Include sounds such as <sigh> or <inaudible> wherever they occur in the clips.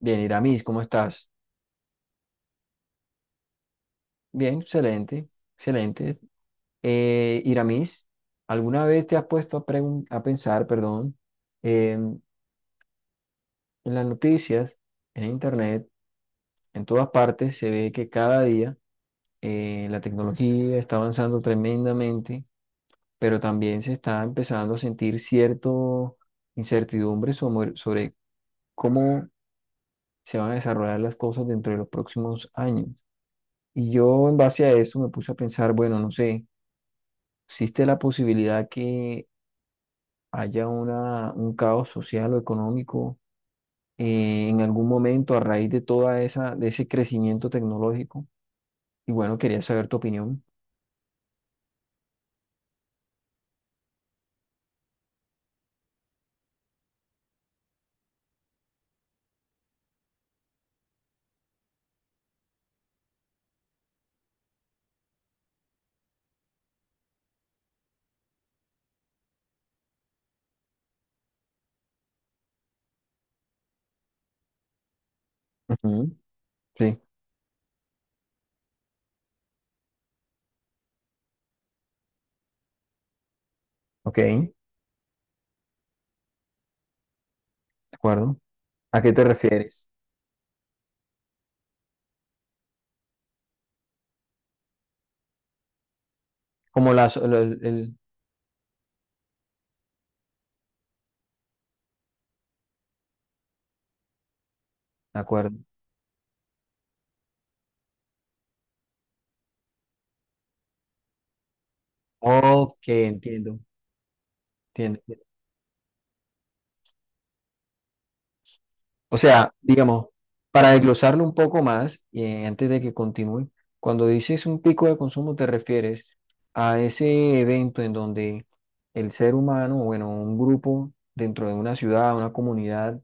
Bien, Iramis, ¿cómo estás? Bien, excelente, excelente. Iramis, ¿alguna vez te has puesto a, pensar, perdón, en las noticias, en internet, en todas partes se ve que cada día la tecnología está avanzando tremendamente, pero también se está empezando a sentir cierta incertidumbre sobre cómo se van a desarrollar las cosas dentro de los próximos años. Y yo en base a eso me puse a pensar, bueno, no sé. Existe la posibilidad que haya una, un caos social o económico, en algún momento a raíz de toda esa, de ese crecimiento tecnológico. Y bueno, quería saber tu opinión. Ujú. Sí. Ok, de acuerdo. ¿A qué te refieres? Como las, el, el. De acuerdo. Ok, entiendo, entiendo. O sea, digamos, para desglosarlo un poco más y antes de que continúe, cuando dices un pico de consumo te refieres a ese evento en donde el ser humano, bueno, un grupo dentro de una ciudad, una comunidad,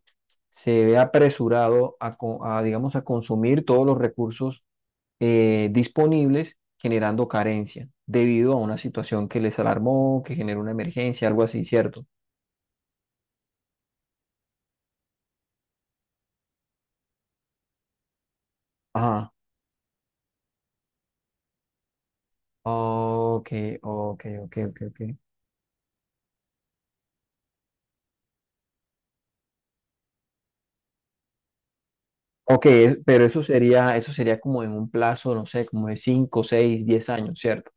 se ve apresurado a, digamos, a consumir todos los recursos disponibles, generando carencia debido a una situación que les alarmó, que generó una emergencia, algo así, ¿cierto? Ajá. Ok, ok, ok, ok, ok. Ok, es- pero eso sería como en un plazo, no sé, como de cinco, seis, diez años, ¿cierto?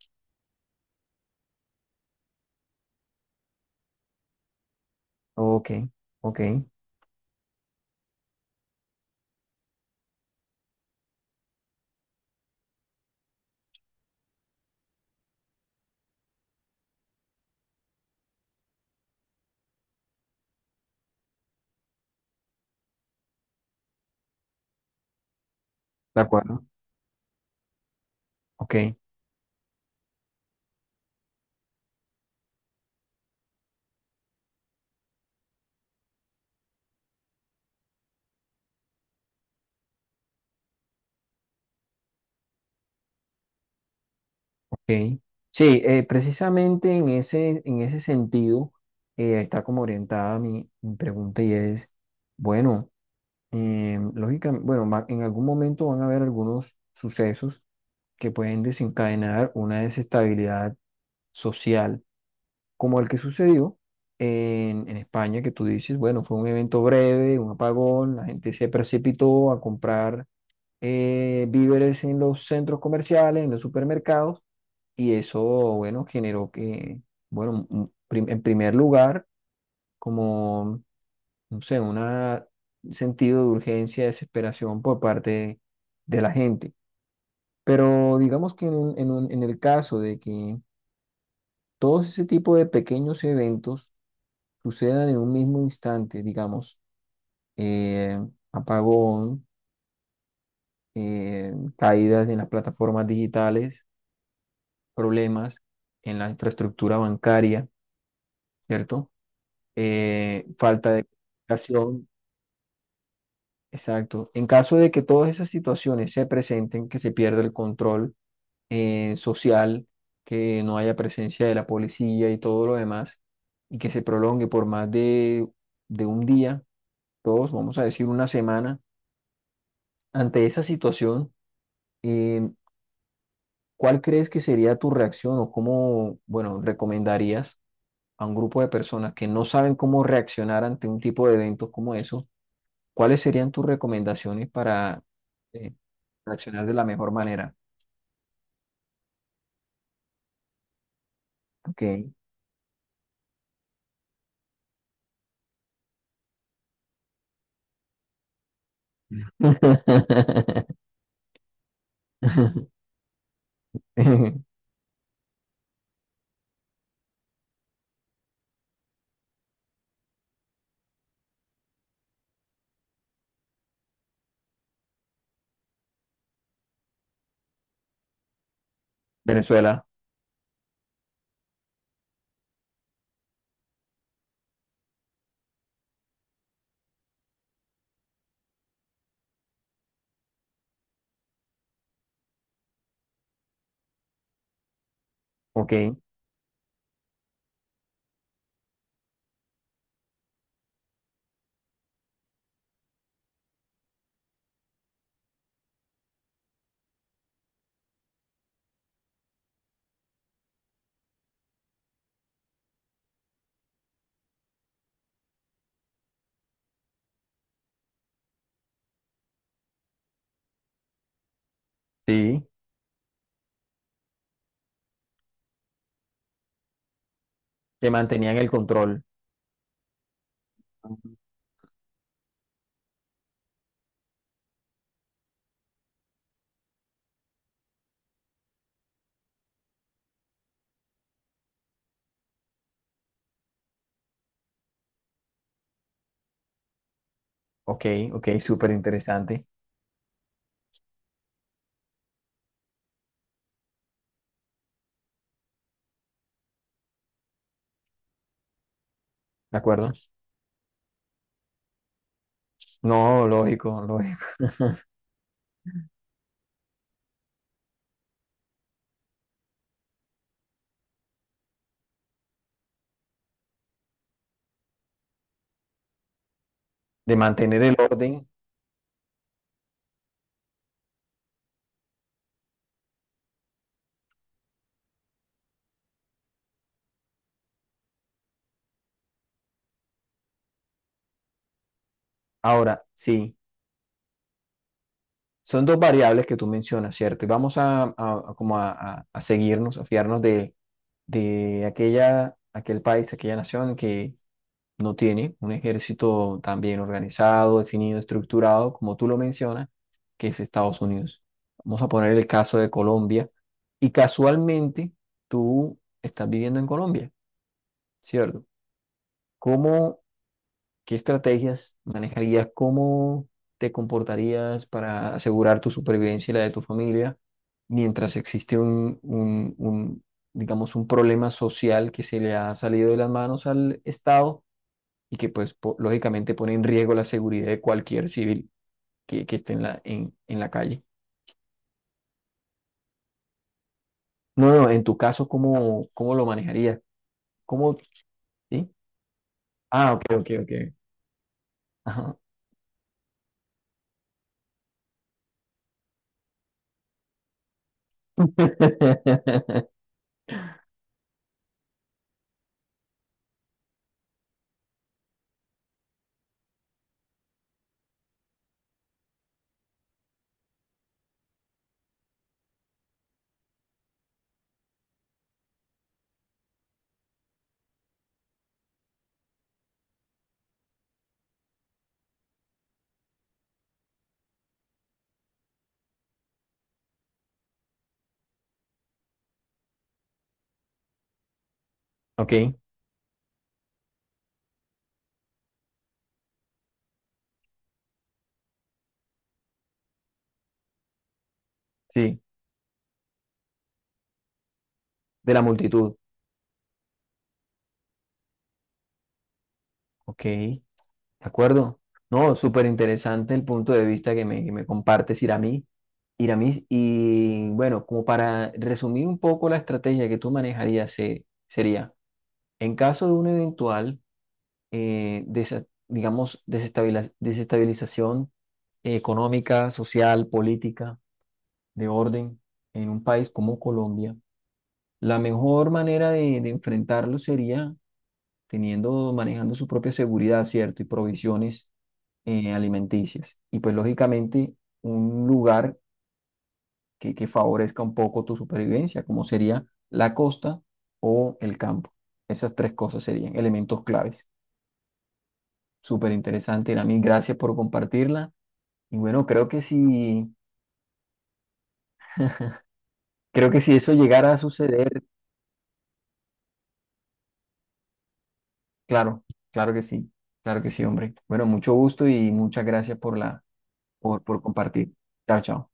Ok, ok, de acuerdo. Ok, ok. Sí, precisamente en ese sentido está como orientada mi, mi pregunta y es, bueno, lógicamente, bueno, va- en algún momento van a haber algunos sucesos que pueden desencadenar una desestabilidad social como el que sucedió en España, que tú dices, bueno, fue un evento breve, un apagón, la gente se precipitó a comprar víveres en los centros comerciales, en los supermercados, y eso, bueno, generó que, bueno, un- prim- en primer lugar, como, no sé, una- un sentido de urgencia, desesperación por parte de la gente. Pero digamos que en un- en un- en el caso de que todos ese tipo de pequeños eventos, sucedan en un mismo instante, digamos, eh, apagón, caídas en las plataformas digitales, problemas en la infraestructura bancaria, ¿cierto? Falta de comunicación, exacto. En caso de que todas esas situaciones se presenten, que se pierda el control social, que no haya presencia de la policía y todo lo demás, y que se prolongue por más de un día, todos, vamos a decir una semana. Ante esa situación, eh, ¿cuál crees que sería tu reacción o cómo, bueno, recomendarías a un grupo de personas que no saben cómo reaccionar ante un tipo de eventos como eso? ¿Cuáles serían tus recomendaciones para eh, reaccionar de la mejor manera? Ok. <laughs> Venezuela, ok, sí, que mantenían el control. Ok, ok, súper interesante, ¿de acuerdo? No, lógico, lógico. <laughs> De mantener el orden. Ahora, sí, son dos variables que tú mencionas, ¿cierto? Y vamos a como a seguirnos, a fiarnos de aquella, aquel país, aquella nación que no tiene un ejército tan bien organizado, definido, estructurado, como tú lo mencionas, que es Estados Unidos. Vamos a poner el caso de Colombia. Y casualmente, tú estás viviendo en Colombia, ¿cierto? ¿Cómo? ¿Qué estrategias manejarías? ¿Cómo te comportarías para asegurar tu supervivencia y la de tu familia mientras existe un, digamos, un problema social que se le ha salido de las manos al Estado y que, pues, po- lógicamente pone en riesgo la seguridad de cualquier civil que esté en la calle? No, no, en tu caso, ¿cómo, cómo lo manejarías? ¿Cómo, sí? Ah, ok, ok, ok. Ajá. <laughs> Ok, sí, de la multitud. Ok. ¿De acuerdo? No, súper interesante el punto de vista que me compartes, Iramis. Iramis, y bueno, como para resumir un poco la estrategia que tú manejarías, se- sería, en caso de una eventual, desa- digamos, desestabila- desestabilización económica, social, política, de orden en un país como Colombia, la mejor manera de enfrentarlo sería teniendo, manejando su propia seguridad, ¿cierto? Y provisiones alimenticias. Y pues lógicamente un lugar que favorezca un poco tu supervivencia, como sería la costa o el campo. Esas tres cosas serían elementos claves. Súper interesante, Irami. Gracias por compartirla. Y bueno, creo que si eso llegara a suceder, claro, claro que sí, claro que sí, hombre. Bueno, mucho gusto y muchas gracias por la, por compartir. Chao, chao.